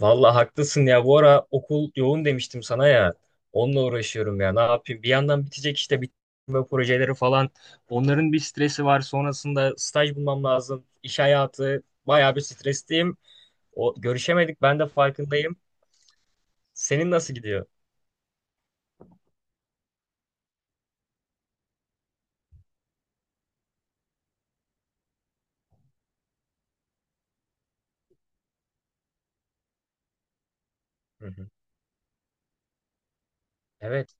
Vallahi haklısın ya. Bu ara okul yoğun demiştim sana ya. Onunla uğraşıyorum ya. Ne yapayım? Bir yandan bitecek işte bitirme projeleri falan. Onların bir stresi var. Sonrasında staj bulmam lazım. İş hayatı bayağı bir stresliyim. O görüşemedik. Ben de farkındayım. Senin nasıl gidiyor? Hı hı. Evet.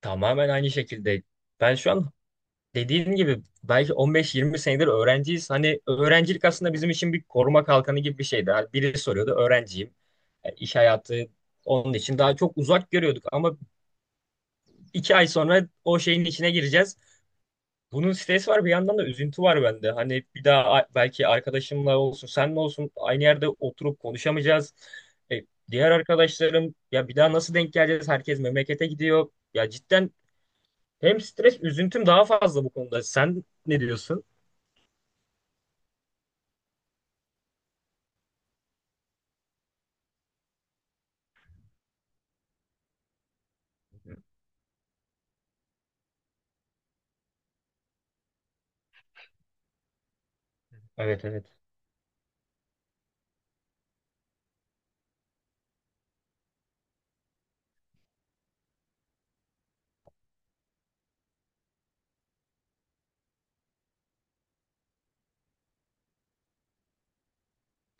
Tamamen aynı şekilde. Ben şu an dediğin gibi belki 15-20 senedir öğrenciyiz. Hani öğrencilik aslında bizim için bir koruma kalkanı gibi bir şeydi. Hani biri soruyordu öğrenciyim. İş hayatı onun için daha çok uzak görüyorduk ama 2 ay sonra o şeyin içine gireceğiz. Bunun stresi var, bir yandan da üzüntü var bende. Hani bir daha belki arkadaşımla olsun, senle olsun aynı yerde oturup konuşamayacağız. E, Diğer arkadaşlarım, ya bir daha nasıl denk geleceğiz? Herkes memlekete gidiyor. Ya cidden hem stres üzüntüm daha fazla bu konuda. Sen ne diyorsun? Evet, evet.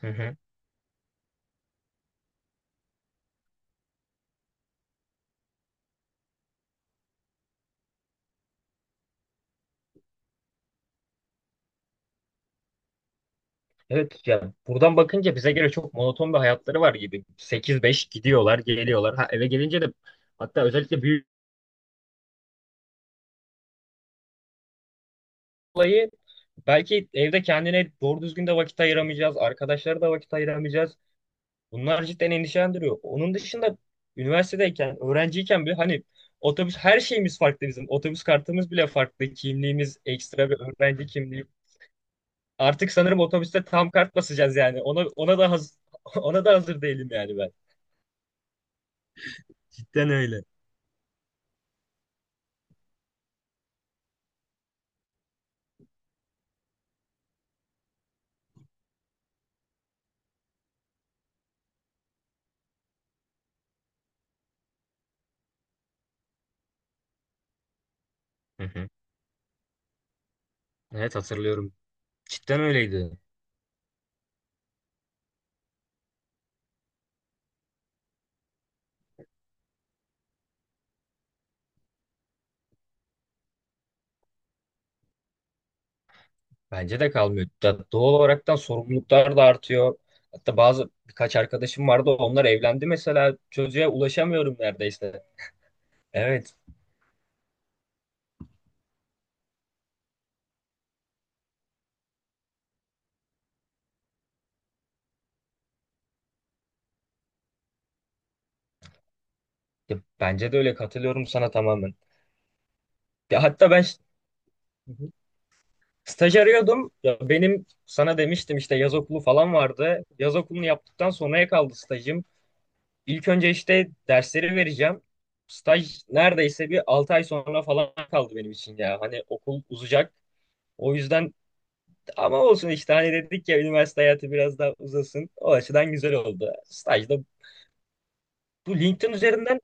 Hı hı. Evet ya, buradan bakınca bize göre çok monoton bir hayatları var gibi. 8-5 gidiyorlar, geliyorlar. Ha, eve gelince de, hatta özellikle büyük olayı, belki evde kendine doğru düzgün de vakit ayıramayacağız. Arkadaşlara da vakit ayıramayacağız. Bunlar cidden endişelendiriyor. Onun dışında üniversitedeyken, öğrenciyken bile hani otobüs, her şeyimiz farklı bizim. Otobüs kartımız bile farklı. Kimliğimiz ekstra bir öğrenci kimliği. Artık sanırım otobüste tam kart basacağız yani. Ona da hazır değilim yani ben. Cidden öyle. Hı hı. Evet, hatırlıyorum. Cidden öyleydi. Bence de kalmıyor. Doğal olaraktan sorumluluklar da artıyor. Hatta bazı birkaç arkadaşım vardı. Onlar evlendi mesela. Çocuğa ulaşamıyorum neredeyse. Evet. Ya bence de öyle, katılıyorum sana tamamen. Ya hatta ben ş- Hı hı. Staj arıyordum. Ya benim sana demiştim, işte yaz okulu falan vardı. Yaz okulunu yaptıktan sonraya kaldı stajım. İlk önce işte dersleri vereceğim. Staj neredeyse bir 6 ay sonra falan kaldı benim için ya. Hani okul uzayacak. O yüzden ama olsun, işte hani dedik ya, üniversite hayatı biraz daha uzasın. O açıdan güzel oldu. Stajda bu LinkedIn üzerinden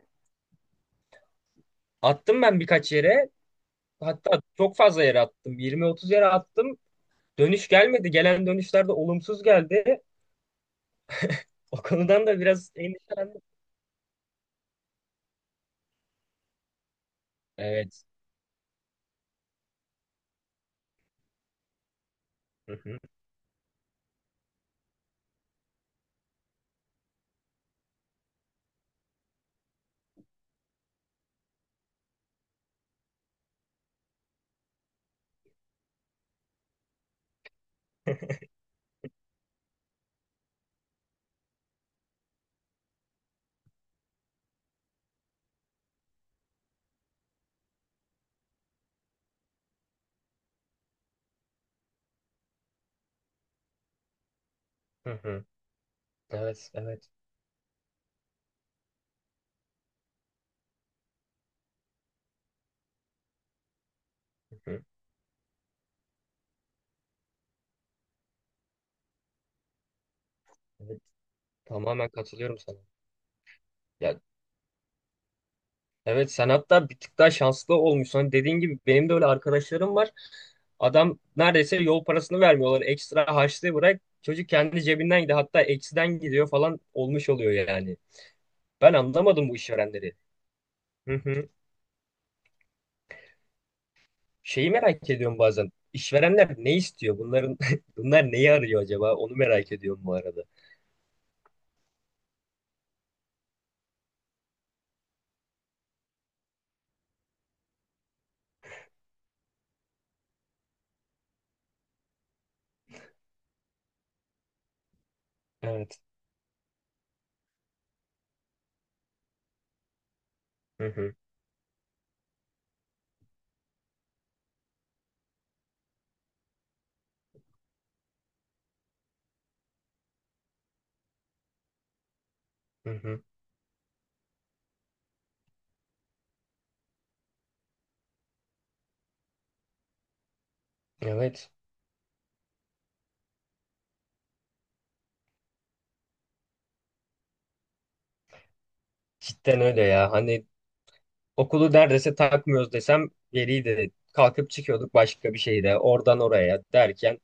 attım ben birkaç yere. Hatta çok fazla yere attım. 20-30 yere attım. Dönüş gelmedi. Gelen dönüşler de olumsuz geldi. O konudan da biraz endişelendim. Evet. Hı hı, hı hı. Evet, evet. Hı hı. Evet. Tamamen katılıyorum sana. Ya, evet, sen hatta bir tık daha şanslı olmuşsun. Hani dediğin gibi benim de öyle arkadaşlarım var. Adam neredeyse yol parasını vermiyorlar. Ekstra harçlığı bırak. Çocuk kendi cebinden gidiyor. Hatta eksiden gidiyor falan olmuş oluyor yani. Ben anlamadım bu işverenleri. Hı hı. Şeyi merak ediyorum bazen. İşverenler ne istiyor? Bunların bunlar neyi arıyor acaba? Onu merak ediyorum bu arada. Evet. Hı hı. Hı hı. Evet. Cidden öyle ya. Hani okulu neredeyse takmıyoruz desem geriydi. Kalkıp çıkıyorduk başka bir şehre. Oradan oraya derken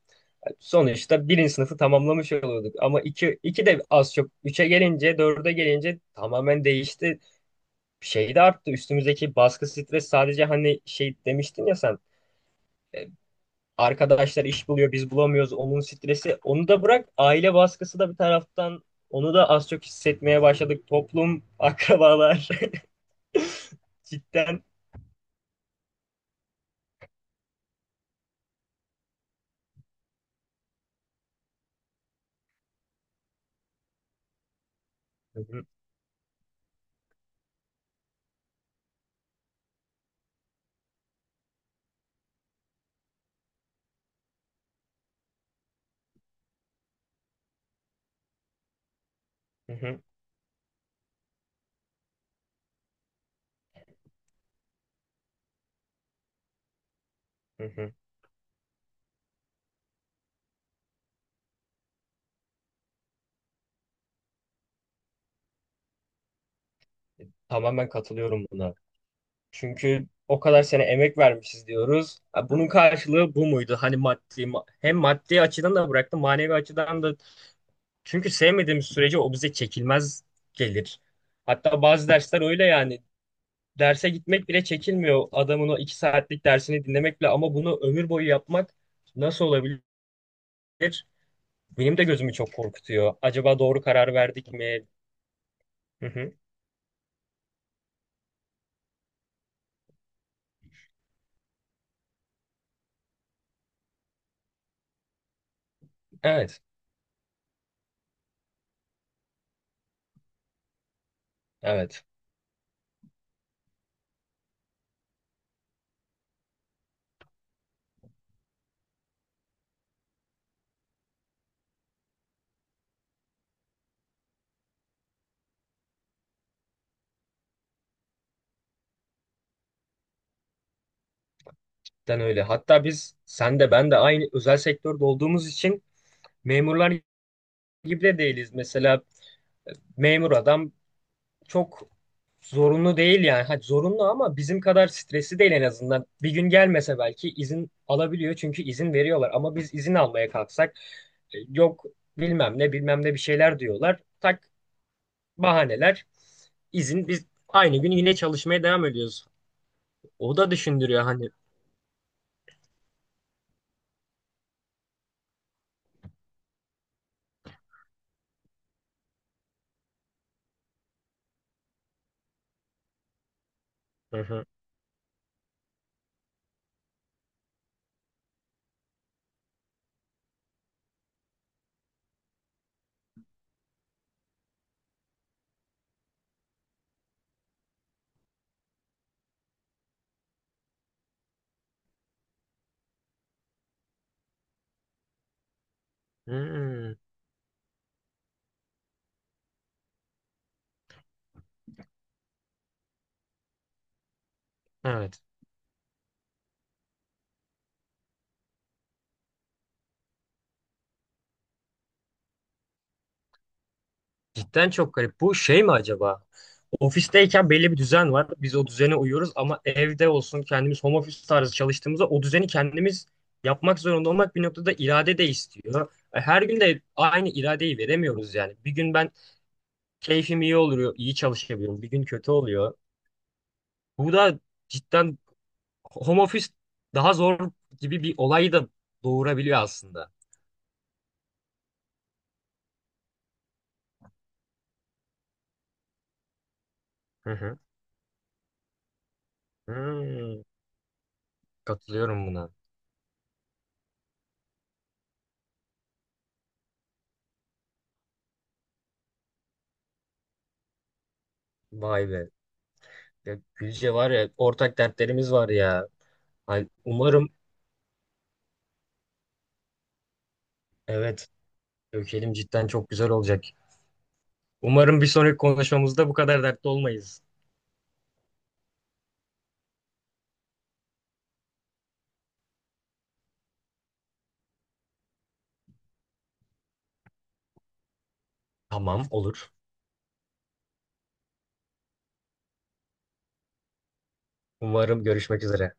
sonuçta birinci sınıfı tamamlamış oluyorduk. Ama iki, iki de az çok. Üçe gelince, dörde gelince tamamen değişti. Şey de arttı. Üstümüzdeki baskı, stres, sadece hani şey demiştin ya sen. e, Arkadaşlar iş buluyor, biz bulamıyoruz. Onun stresi. Onu da bırak. Aile baskısı da bir taraftan. Onu da az çok hissetmeye başladık. Toplum, akrabalar. Cidden. Hı hı, hı hı, hı hı. Tamamen katılıyorum buna. Çünkü o kadar sene emek vermişiz diyoruz. Ha, bunun karşılığı bu muydu? Hani maddi hem maddi açıdan da bıraktım, manevi açıdan da. Çünkü sevmediğimiz sürece o bize çekilmez gelir. Hatta bazı dersler öyle yani. Derse gitmek bile çekinmiyor adamın, o 2 saatlik dersini dinlemek bile, ama bunu ömür boyu yapmak nasıl olabilir? Benim de gözümü çok korkutuyor. Acaba doğru karar verdik mi? Hı hı. Evet, evet. Ben öyle. Hatta biz, sen de ben de aynı özel sektörde olduğumuz için, memurlar gibi de değiliz. Mesela e, memur adam çok zorunlu değil yani. Hadi zorunlu ama bizim kadar stresi değil en azından. Bir gün gelmese belki izin alabiliyor, çünkü izin veriyorlar. Ama biz izin almaya kalksak yok bilmem ne bilmem ne bir şeyler diyorlar. Tak bahaneler, izin, biz aynı gün yine çalışmaya devam ediyoruz. O da düşündürüyor hani. Hı hı. Hmm, evet. Cidden çok garip. Bu şey mi acaba? Ofisteyken belli bir düzen var. Biz o düzene uyuyoruz, ama evde olsun kendimiz home office tarzı çalıştığımızda o düzeni kendimiz yapmak zorunda olmak bir noktada irade de istiyor. E, Her gün de aynı iradeyi veremiyoruz yani. Bir gün ben keyfim iyi oluyor, iyi çalışabiliyorum. Bir gün kötü oluyor. Bu da cidden home office daha zor gibi bir olayı da doğurabiliyor aslında. Hı hı. Hmm, katılıyorum buna. Vay be. Ya Gülce, var ya ortak dertlerimiz var ya. Ay, umarım. Evet, dökelim, cidden çok güzel olacak. Umarım bir sonraki konuşmamızda bu kadar dertli olmayız. Tamam, olur. Umarım, görüşmek üzere.